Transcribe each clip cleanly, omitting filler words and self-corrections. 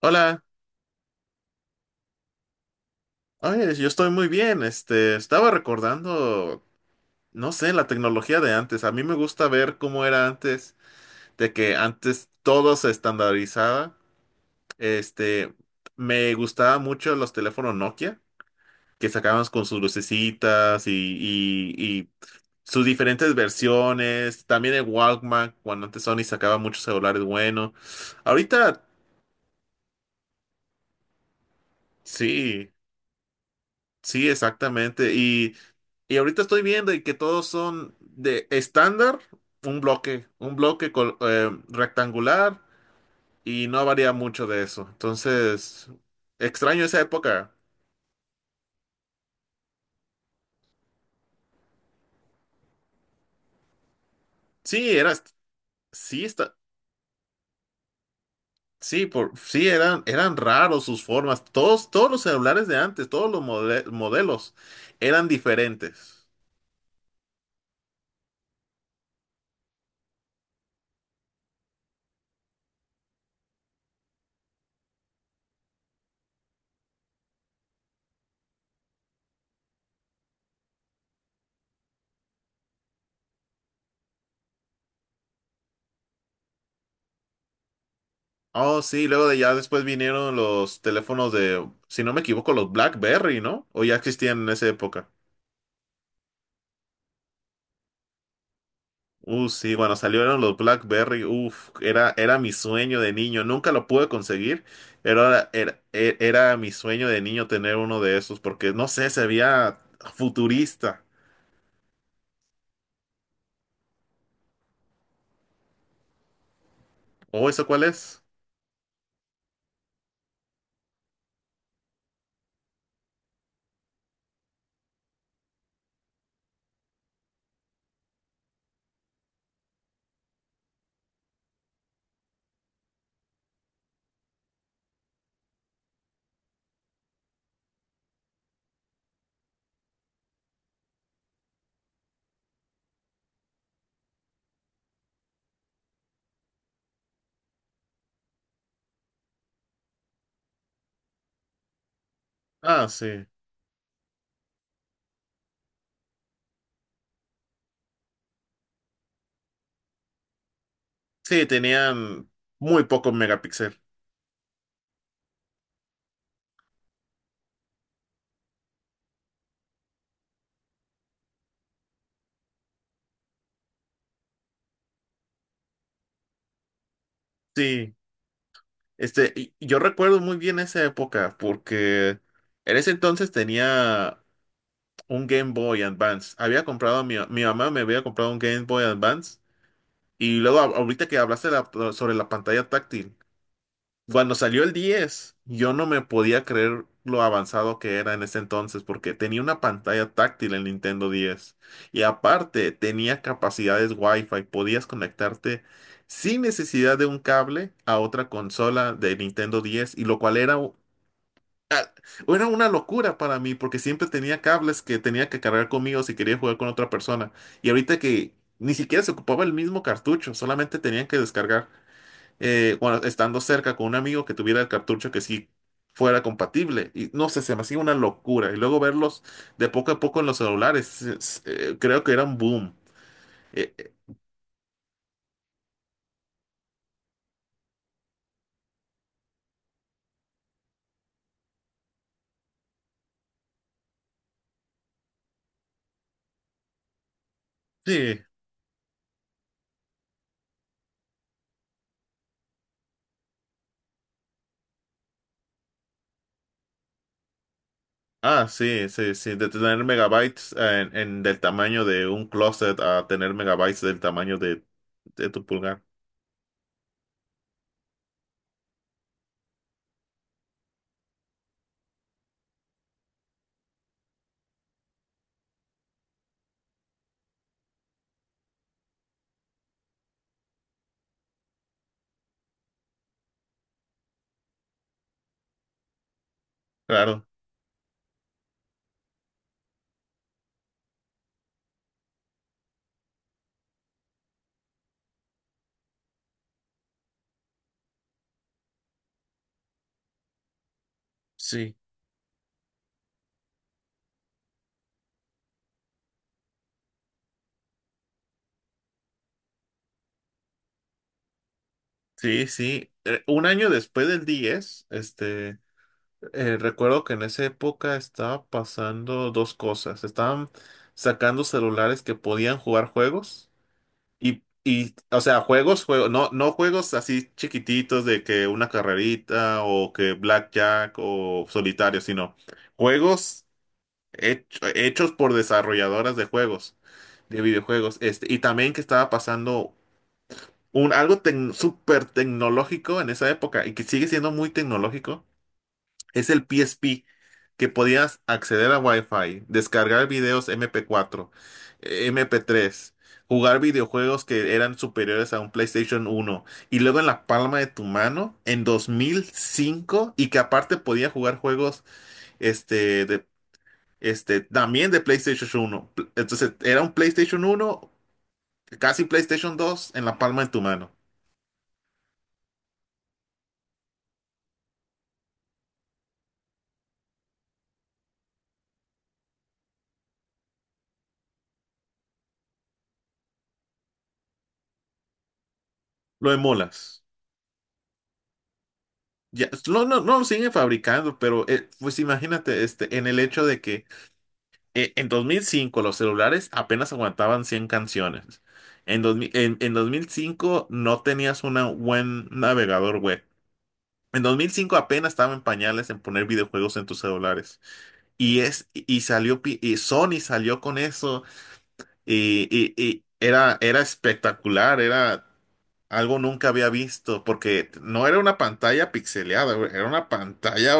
Hola, oye, yo estoy muy bien. Estaba recordando, no sé, la tecnología de antes. A mí me gusta ver cómo era antes, de que antes todo se estandarizaba. Este, me gustaba mucho los teléfonos Nokia, que sacaban con sus lucecitas y sus diferentes versiones. También el Walkman, cuando antes Sony sacaba muchos celulares buenos. Ahorita, sí, sí, exactamente. Y ahorita estoy viendo y que todos son de estándar, un bloque rectangular, y no varía mucho de eso. Entonces, extraño esa época. Sí, era, sí está, sí eran, eran raros sus formas. Todos los celulares de antes, todos los modelos eran diferentes. Oh, sí, luego de ya después vinieron los teléfonos de, si no me equivoco, los BlackBerry, ¿no? O ya existían en esa época. Sí, cuando salieron los BlackBerry, uff, era mi sueño de niño. Nunca lo pude conseguir, pero era mi sueño de niño tener uno de esos, porque no sé, se veía futurista. ¿O eso cuál es? Ah, sí. Sí, tenían muy poco megapíxel. Sí, y yo recuerdo muy bien esa época, porque en ese entonces tenía un Game Boy Advance. Había comprado, mi mamá me había comprado un Game Boy Advance. Y luego ahorita que hablaste sobre la pantalla táctil, cuando salió el 10, yo no me podía creer lo avanzado que era en ese entonces, porque tenía una pantalla táctil el Nintendo 10. Y aparte tenía capacidades Wi-Fi, podías conectarte sin necesidad de un cable a otra consola de Nintendo 10, y lo cual era ah, era una locura para mí porque siempre tenía cables que tenía que cargar conmigo si quería jugar con otra persona. Y ahorita que ni siquiera se ocupaba el mismo cartucho, solamente tenían que descargar estando cerca con un amigo que tuviera el cartucho que sí fuera compatible. Y no sé, se me hacía una locura. Y luego verlos de poco a poco en los celulares, creo que era un boom. Eh, eh, sí, ah, sí, sí, sí, de tener megabytes del tamaño de un closet a tener megabytes del tamaño de tu pulgar. Claro. Sí. Sí, sí. Un año después del 10, recuerdo que en esa época estaba pasando dos cosas. Estaban sacando celulares que podían jugar juegos o sea, juegos, juegos, no, no juegos así chiquititos de que una carrerita o que blackjack o solitario, sino juegos hechos por desarrolladoras de juegos, de videojuegos. Este, y también que estaba pasando algo súper tecnológico en esa época y que sigue siendo muy tecnológico es el PSP, que podías acceder a Wi-Fi, descargar videos MP4, MP3, jugar videojuegos que eran superiores a un PlayStation uno y luego en la palma de tu mano en 2005, y que aparte podía jugar juegos este, de, este, también de entonces era un PlayStation uno casi PlayStation dos en la palma de tu mano. Lo emulas. Ya, no, no, no lo siguen fabricando, pero pues imagínate, este, en el hecho de que en 2005 los celulares apenas aguantaban 100 canciones. En 2005 no tenías un buen navegador web. En 2005 apenas estaba en pañales en poner videojuegos en tus celulares. Y salió, y Sony salió con eso y, y era, era espectacular, era algo nunca había visto, porque no era una pantalla pixeleada, güey, era una pantalla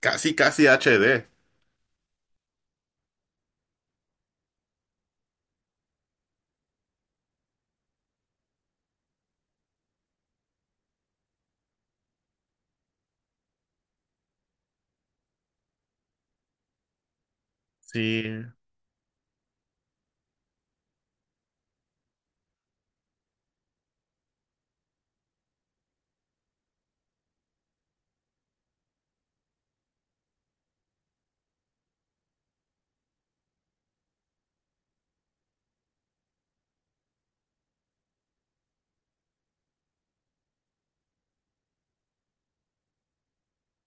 casi, casi HD. Sí,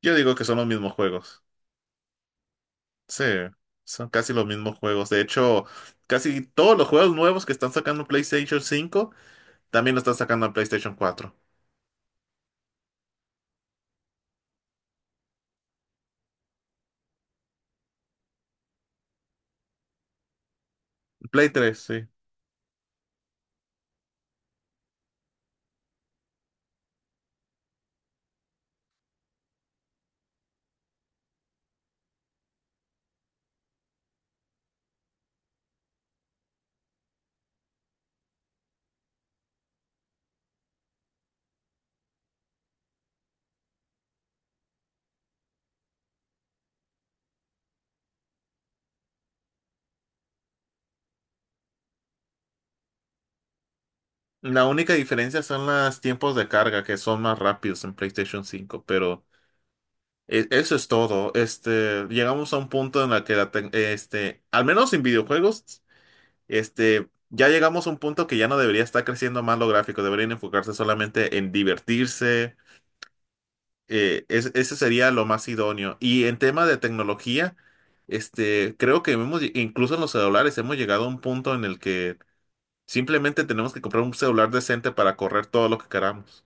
yo digo que son los mismos juegos. Sí, son casi los mismos juegos. De hecho, casi todos los juegos nuevos que están sacando PlayStation cinco también lo están sacando en PlayStation cuatro. Play tres sí. La única diferencia son los tiempos de carga, que son más rápidos en PlayStation cinco, pero... eso es todo. Este, llegamos a un punto en el que la al menos en videojuegos, este, ya llegamos a un punto que ya no debería estar creciendo más lo gráfico, deberían enfocarse solamente en divertirse. Ese sería lo más idóneo. Y en tema de tecnología, este, creo que hemos, incluso en los celulares hemos llegado a un punto en el que simplemente tenemos que comprar un celular decente para correr todo lo que queramos.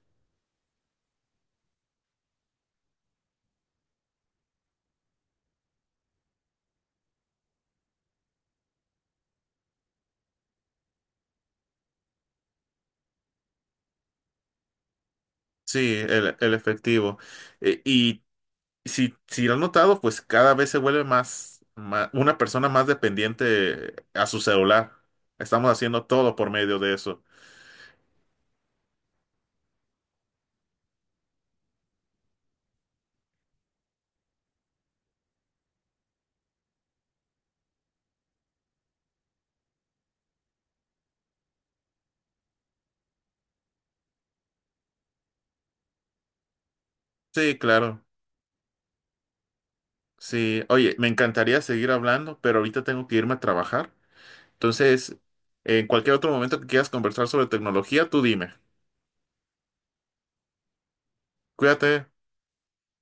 Sí, el efectivo. Eh, y Si, si lo has notado, pues cada vez se vuelve una persona más dependiente a su celular. Estamos haciendo todo por medio de eso. Sí, claro. Sí, oye, me encantaría seguir hablando, pero ahorita tengo que irme a trabajar. Entonces, en cualquier otro momento que quieras conversar sobre tecnología, tú dime. Cuídate.